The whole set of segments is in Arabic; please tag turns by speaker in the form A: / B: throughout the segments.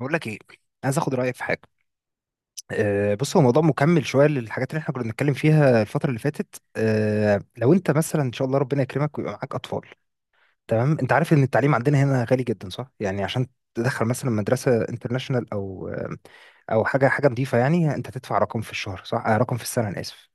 A: بقول لك ايه؟ عايز اخد رايك في حاجه. بص، هو موضوع مكمل شويه للحاجات اللي احنا كنا بنتكلم فيها الفتره اللي فاتت. لو انت مثلا ان شاء الله ربنا يكرمك ويبقى معاك اطفال، تمام؟ انت عارف ان التعليم عندنا هنا غالي جدا، صح؟ يعني عشان تدخل مثلا مدرسه انترناشونال او او حاجه نظيفه، يعني انت تدفع رقم في الشهر، صح؟ رقم في السنه، انا اسف.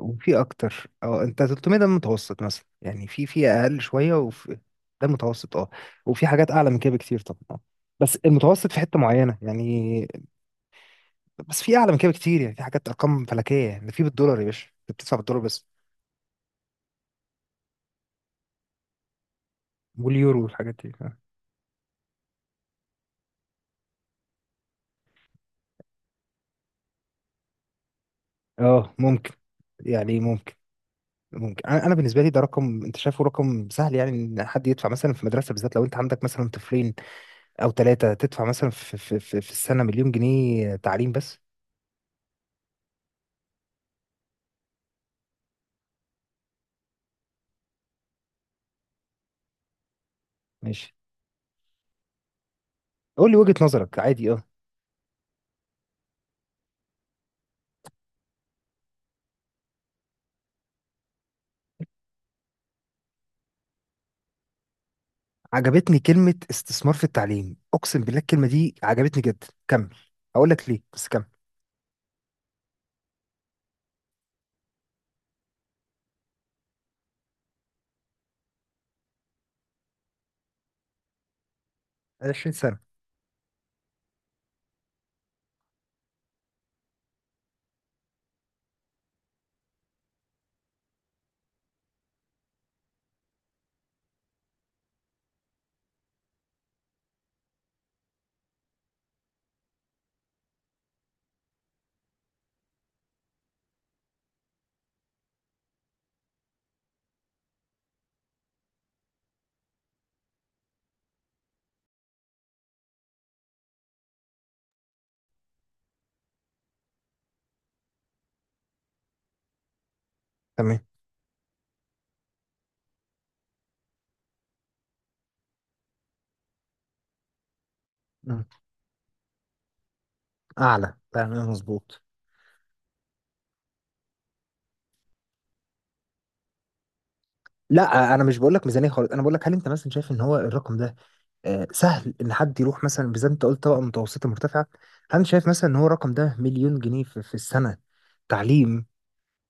A: وفي اكتر. اه، انت 300 ده المتوسط مثلا؟ يعني في اقل شويه وفي... ده المتوسط، اه. وفي حاجات اعلى من كده بكتير طبعا، آه. بس المتوسط في حته معينه يعني. بس في اعلى من كده بكتير، يعني في حاجات ارقام فلكيه، يعني ده في بالدولار يا باشا، انت بتدفع بالدولار بس. واليورو والحاجات دي اه ممكن. يعني ممكن. ممكن. أنا بالنسبه لي، ده رقم، انت شايفه رقم سهل؟ يعني ان حد يدفع مثلا في مدرسه، بالذات لو انت عندك مثلا طفلين او ثلاثه، تدفع مثلا في السنه مليون جنيه تعليم بس. ماشي. قول لي وجهه نظرك عادي، اه. عجبتني كلمه استثمار في التعليم. اقسم بالله الكلمه دي عجبتني جدا، كمل. هقول لك ليه، بس كمل. 20 سنه. تمام. مم. اعلى، تمام، مظبوط. لا، انا مش بقول لك ميزانيه خالص، انا بقول لك هل انت مثلا شايف ان هو الرقم ده سهل ان حد يروح مثلا؟ بالذات انت قلت طبقه متوسطه مرتفعه. هل شايف مثلا ان هو الرقم ده، مليون جنيه في السنه تعليم،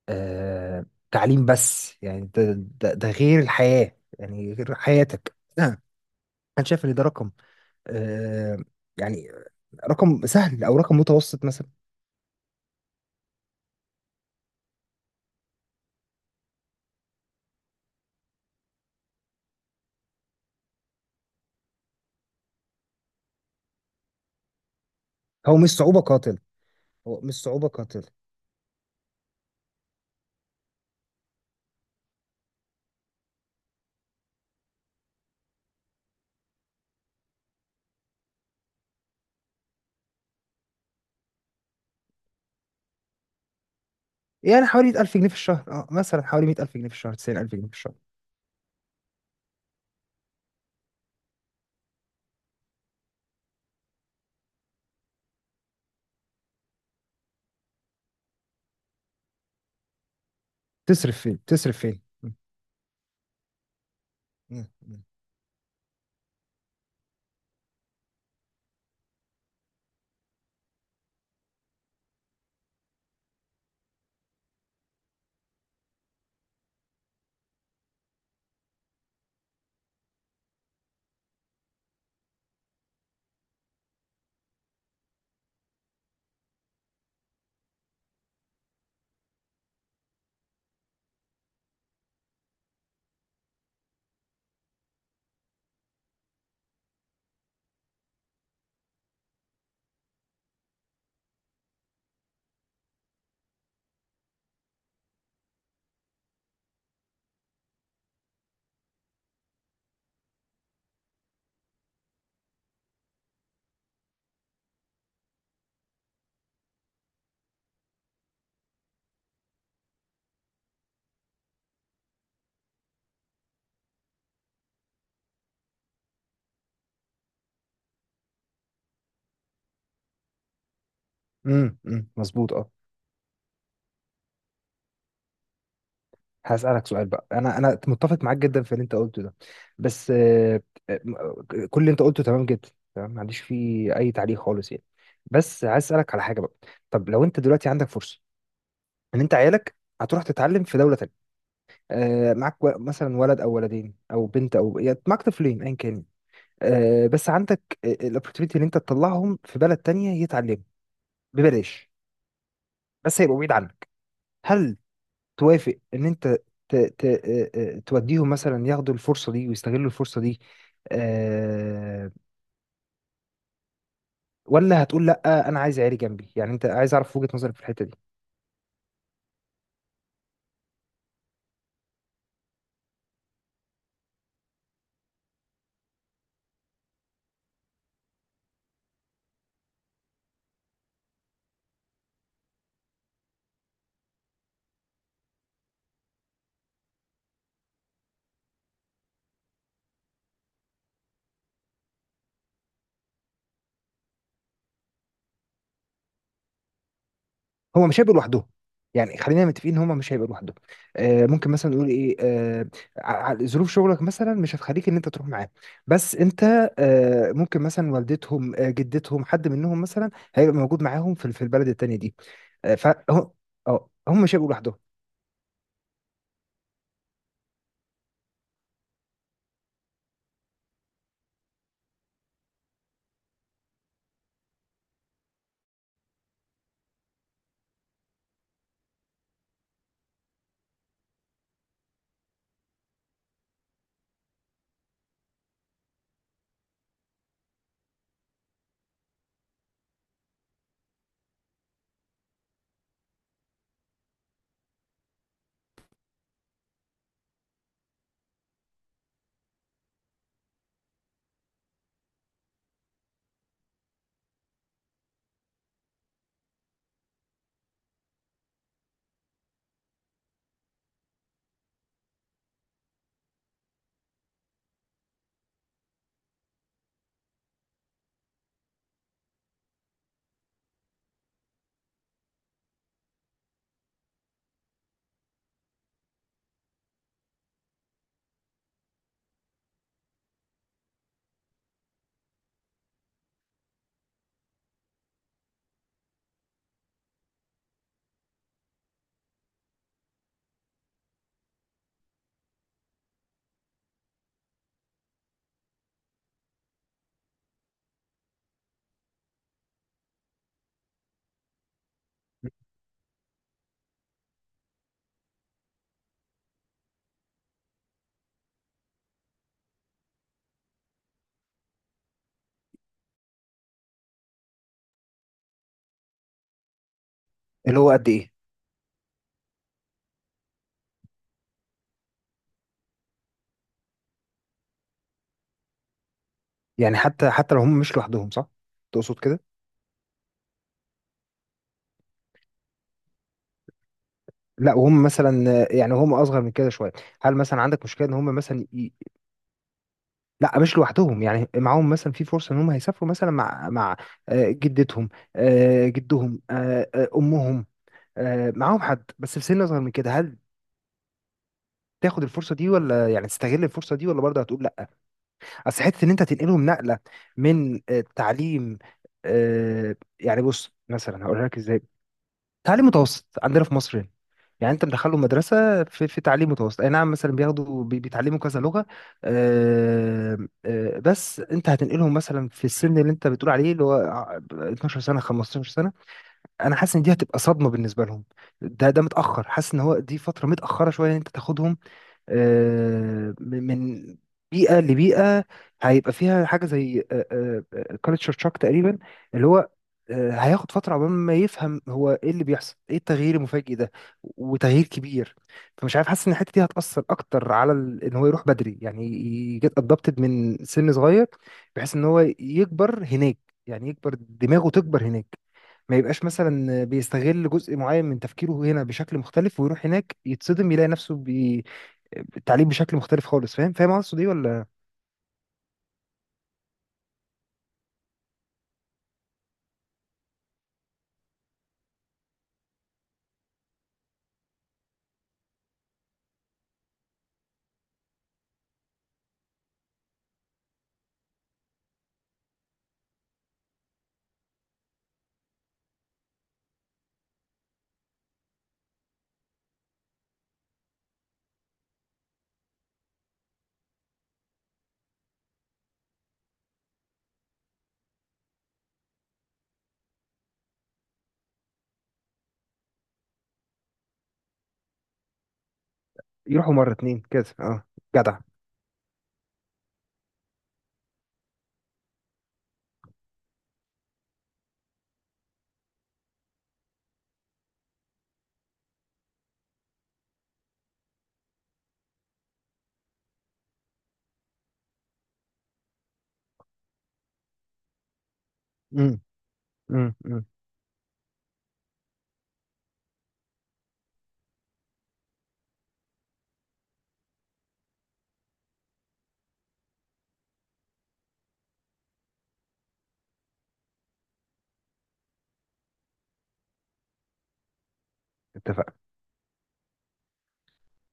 A: آه تعليم بس، يعني ده غير الحياه، يعني غير حياتك، آه، هل شايف ان ده رقم، آه يعني رقم سهل او رقم متوسط مثلا؟ هو مش صعوبه قاتل. هو مش صعوبه قاتل. يعني حوالي 1000 جنيه في الشهر، اه. مثلا حوالي 100000 جنيه في الشهر، 90000 جنيه في الشهر. تصرف فين؟ تصرف فين؟ مم. مم. امم، مظبوط، اه. هسألك سؤال بقى. انا متفق معاك جدا في اللي انت قلته ده. بس آه، م- آه، كل اللي انت قلته تمام جدا، تمام، ما عنديش فيه اي تعليق خالص يعني. بس عايز اسالك على حاجه بقى. طب لو انت دلوقتي عندك فرصه ان انت عيالك هتروح تتعلم في دوله تانية، معاك مثلا ولد او ولدين او بنت، او يعني معاك طفلين ايا كان، بس عندك الاوبورتيونيتي ان انت تطلعهم في بلد تانية يتعلموا ببلاش، بس هيبقوا بعيد عنك. هل توافق ان انت ت... ت... آه، آه، توديهم مثلا، ياخدوا الفرصه دي ويستغلوا الفرصه دي؟ أه... ولا هتقول لا انا عايز عيالي جنبي؟ يعني انت عايز اعرف وجهه نظرك في الحته دي. هما مش هيبقوا لوحدهم. يعني خلينا متفقين ان هما مش هيبقوا لوحدهم. ممكن مثلا نقول ايه؟ ظروف شغلك مثلا مش هتخليك ان انت تروح معاهم، بس انت ممكن مثلا والدتهم، آه، جدتهم، حد منهم مثلا هيبقى موجود معاهم في البلد التانيه دي. فهم... اه، هم مش هيبقوا لوحدهم. اللي هو قد ايه؟ يعني حتى لو هم مش لوحدهم، صح؟ تقصد كده؟ لا، وهم مثلا، يعني هم اصغر من كده شويه، هل مثلا عندك مشكله ان هم مثلا لا مش لوحدهم، يعني معاهم مثلا، في فرصه ان هم هيسافروا مثلا مع آه، جدتهم، آه، جدهم، آه، آه، امهم، آه، معاهم حد، بس في سن اصغر من كده. هل تاخد الفرصه دي، ولا يعني تستغل الفرصه دي، ولا برضه هتقول لا؟ اصل حته ان انت تنقلهم نقله من تعليم، يعني بص مثلا هقول لك ازاي. تعليم متوسط عندنا في مصر يعني، يعني انت مدخله مدرسه في تعليم متوسط، اي نعم، مثلا بياخدوا بيتعلموا كذا لغه، آه، بس انت هتنقلهم مثلا في السن اللي انت بتقول عليه، اللي هو 12 سنه، 15 سنه. انا حاسس ان دي هتبقى صدمه بالنسبه لهم. ده متاخر، حاسس ان هو دي فتره متاخره شويه ان انت تاخدهم من بيئة لبيئة، هيبقى فيها حاجة زي كالتشر شوك تقريبا، اللي هو هياخد فترة عقبال ما يفهم هو ايه اللي بيحصل، ايه التغيير المفاجئ ده وتغيير كبير. فمش عارف، حاسس ان الحتة دي هتأثر اكتر على ان هو يروح بدري، يعني يجيت ادابتد من سن صغير، بحيث ان هو يكبر هناك، يعني يكبر، دماغه تكبر هناك، ما يبقاش مثلا بيستغل جزء معين من تفكيره هنا بشكل مختلف ويروح هناك يتصدم، يلاقي نفسه التعليم بشكل مختلف خالص. فاهم قصدي ولا؟ يروحوا مرة اتنين كده، اه. جدع. امم امم امم. اتفق.